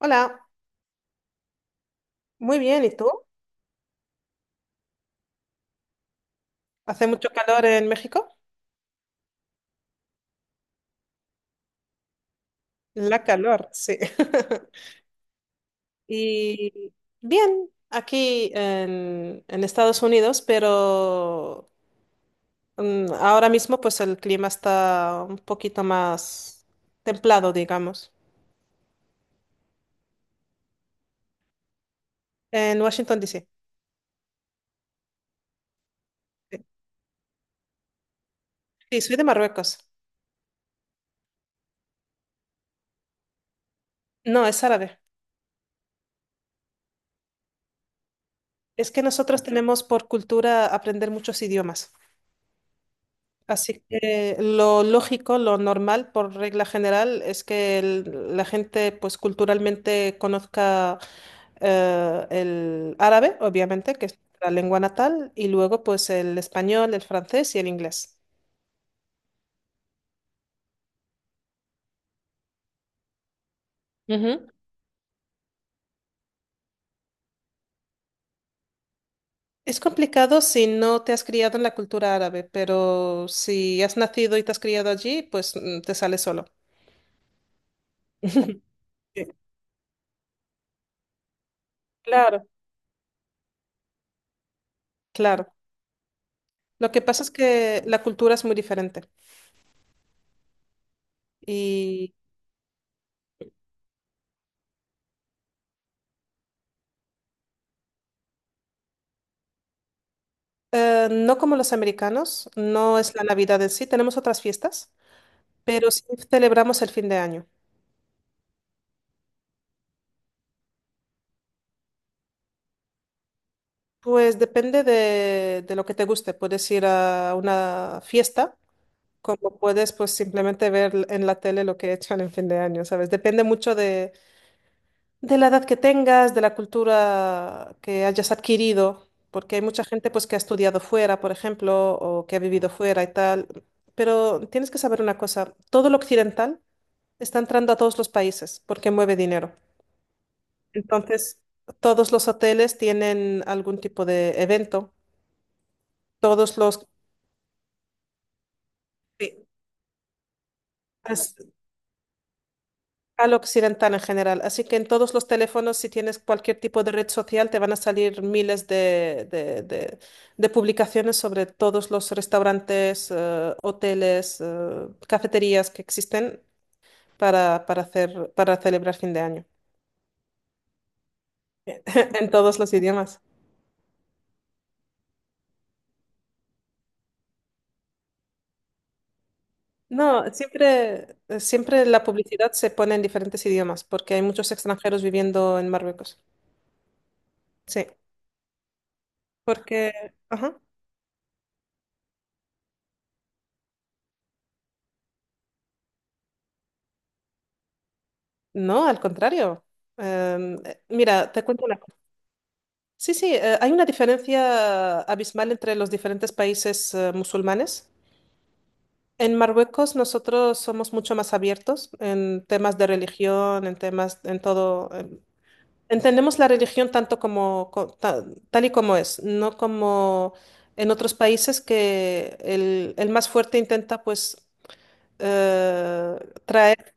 Hola, muy bien, ¿y tú? ¿Hace mucho calor en México? La calor, sí. Y bien, aquí en Estados Unidos, pero ahora mismo pues el clima está un poquito más templado, digamos. En Washington, D.C. Sí, sí, soy de Marruecos. No, es árabe. Es que nosotros tenemos por cultura aprender muchos idiomas. Así que lo lógico, lo normal, por regla general, es que la gente, pues culturalmente conozca el árabe, obviamente, que es la lengua natal, y luego, pues el español, el francés y el inglés. Ujú. Es complicado si no te has criado en la cultura árabe, pero si has nacido y te has criado allí, pues te sale solo. Sí. Claro, claro. Lo que pasa es que la cultura es muy diferente. No como los americanos, no es la Navidad en sí, tenemos otras fiestas, pero sí celebramos el fin de año. Pues depende de lo que te guste. Puedes ir a una fiesta, como puedes pues simplemente ver en la tele lo que echan en fin de año, ¿sabes? Depende mucho de la edad que tengas, de la cultura que hayas adquirido, porque hay mucha gente pues que ha estudiado fuera, por ejemplo, o que ha vivido fuera y tal. Pero tienes que saber una cosa, todo lo occidental está entrando a todos los países porque mueve dinero. Entonces, todos los hoteles tienen algún tipo de evento, todos los... sí, as- al occidental en general. Así que en todos los teléfonos, si tienes cualquier tipo de red social, te van a salir miles de de- publicaciones sobre todos los restaurantes, hoteles, cafeterías que existen para hacer, para celebrar fin de año en todos los idiomas. No, siempre, siempre la publicidad se pone en diferentes idiomas porque hay muchos extranjeros viviendo en Marruecos. Sí, porque, ajá, no, al contrario. Mira, te cuento una cosa. Sí, sí, hay una diferencia abismal entre los diferentes países musulmanes. En Marruecos nosotros somos mucho más abiertos en temas de religión, en temas, en todo. Entendemos la religión tanto como, tal y como es, no como en otros países que el más fuerte intenta pues eh, traer...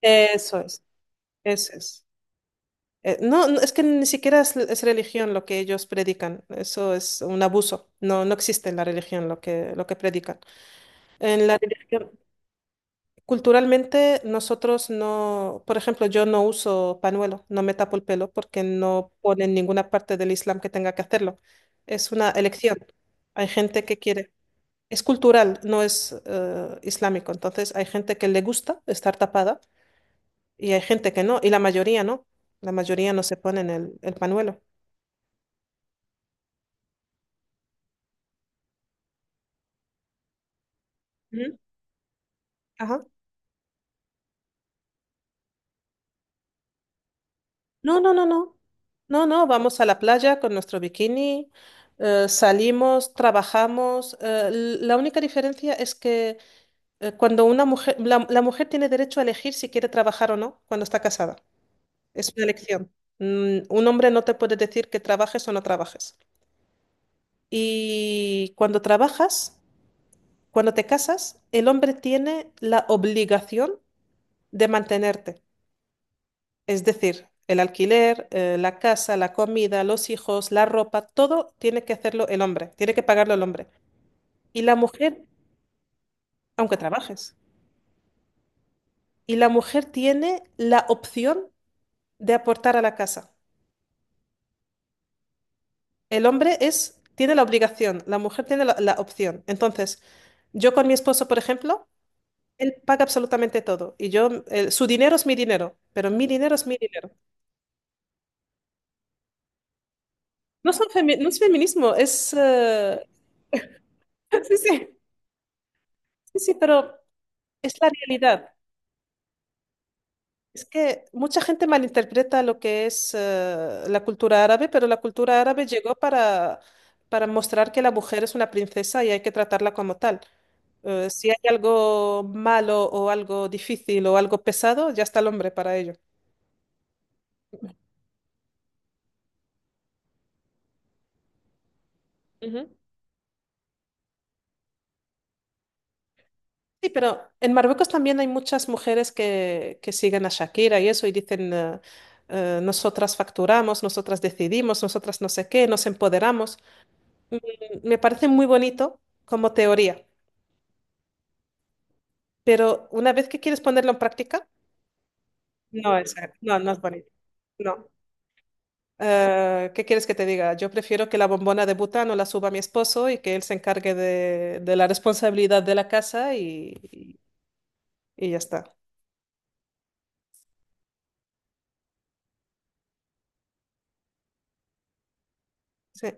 Eso es, eso es. No, no, es que ni siquiera es religión lo que ellos predican, eso es un abuso, no, no existe en la religión lo que predican. En la religión, culturalmente, nosotros no, por ejemplo, yo no uso panuelo, no me tapo el pelo porque no pone en ninguna parte del Islam que tenga que hacerlo. Es una elección. Hay gente que quiere. Es cultural, no es islámico. Entonces, hay gente que le gusta estar tapada y hay gente que no, y la mayoría no. La mayoría no se ponen el panuelo. Ujú. Ajá. No, no, no, no. No, no, vamos a la playa con nuestro bikini, salimos, trabajamos. La única diferencia es que cuando una mujer, la mujer tiene derecho a elegir si quiere trabajar o no cuando está casada. Es una elección. Mm, un hombre no te puede decir que trabajes o no trabajes. Y cuando trabajas, cuando te casas, el hombre tiene la obligación de mantenerte. Es decir, el alquiler, la casa, la comida, los hijos, la ropa, todo tiene que hacerlo el hombre, tiene que pagarlo el hombre. Y la mujer, aunque trabajes, y la mujer tiene la opción de aportar a la casa. El hombre es, tiene la obligación, la mujer tiene la opción. Entonces, yo con mi esposo, por ejemplo, él paga absolutamente todo y yo, su dinero es mi dinero, pero mi dinero es mi dinero. No, no es feminismo, es... Sí, sí, sí, sí, pero es la realidad. Es que mucha gente malinterpreta lo que es la cultura árabe, pero la cultura árabe llegó para mostrar que la mujer es una princesa y hay que tratarla como tal. Si hay algo malo o algo difícil o algo pesado, ya está el hombre para ello. Ujú. Sí, pero en Marruecos también hay muchas mujeres que siguen a Shakira y eso y dicen, nosotras facturamos, nosotras decidimos, nosotras no sé qué, nos empoderamos. Mm, me parece muy bonito como teoría. Pero una vez que quieres ponerlo en práctica, no es, no, no es bonito. No. ¿Qué quieres que te diga? Yo prefiero que la bombona de butano la suba mi esposo y que él se encargue de la responsabilidad de la casa y ya está. Sí.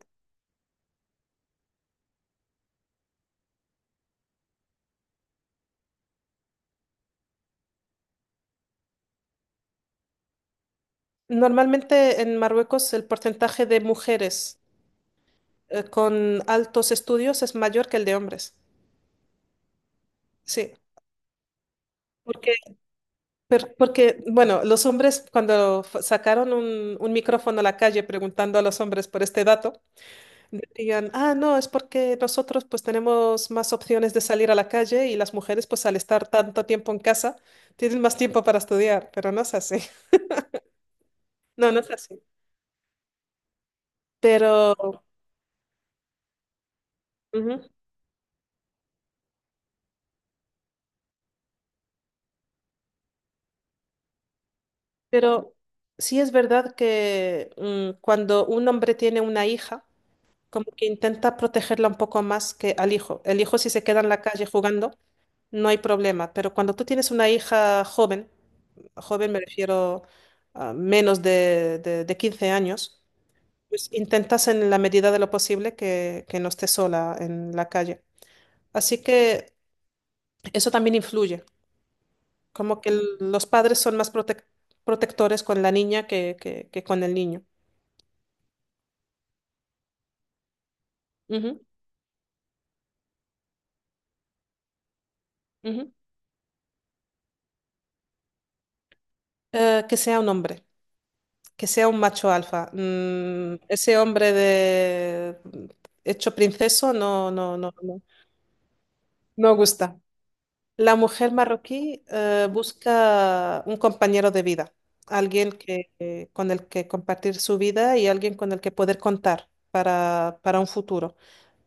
Normalmente en Marruecos el porcentaje de mujeres con altos estudios es mayor que el de hombres. Sí. Porque, porque, bueno, los hombres cuando sacaron un micrófono a la calle preguntando a los hombres por este dato, dirían, ah, no, es porque nosotros pues tenemos más opciones de salir a la calle y las mujeres pues al estar tanto tiempo en casa tienen más tiempo para estudiar, pero no es así. No, no es así. Pero, ujú, pero sí es verdad que cuando un hombre tiene una hija, como que intenta protegerla un poco más que al hijo. El hijo si se queda en la calle jugando, no hay problema, pero cuando tú tienes una hija joven, joven me refiero a menos de 15 años, pues intentas en la medida de lo posible que no estés sola en la calle. Así que eso también influye, como que los padres son protectores con la niña que con el niño. Ujú, ujú. Que sea un hombre, que sea un macho alfa. Mm, ese hombre de hecho princeso no, no, no, no, no gusta. La mujer marroquí busca un compañero de vida, alguien que, con el que compartir su vida y alguien con el que poder contar para un futuro.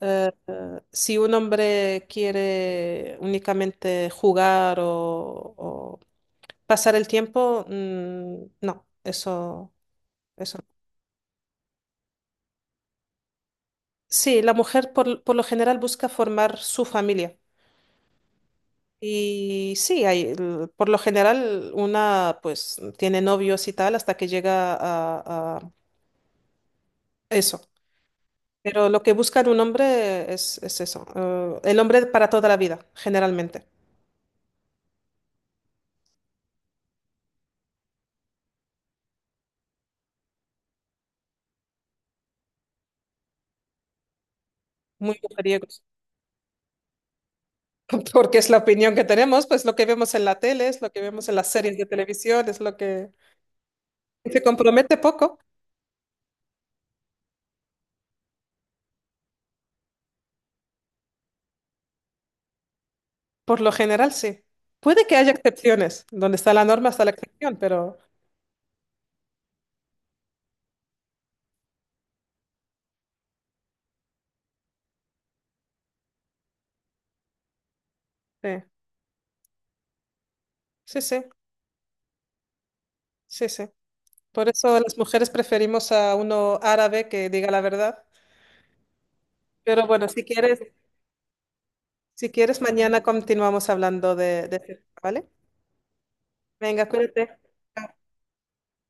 Si un hombre quiere únicamente jugar o pasar el tiempo, mm, no, eso, eso. No. Sí, la mujer por lo general busca formar su familia. Y sí, hay, por lo general una pues tiene novios y tal hasta que llega a eso. Pero lo que busca en un hombre es eso, el hombre para toda la vida, generalmente. Muy mujeriegos, porque es la opinión que tenemos, pues lo que vemos en la tele, es lo que vemos en las series de televisión, es lo que se compromete poco, por lo general sí. Puede que haya excepciones, donde está la norma está la excepción, pero sí, sí, sí, sí, sí. Por eso las mujeres preferimos a uno árabe que diga la verdad. Pero bueno, si quieres, si quieres, mañana continuamos hablando de, este tema, ¿vale? Venga, cuídate.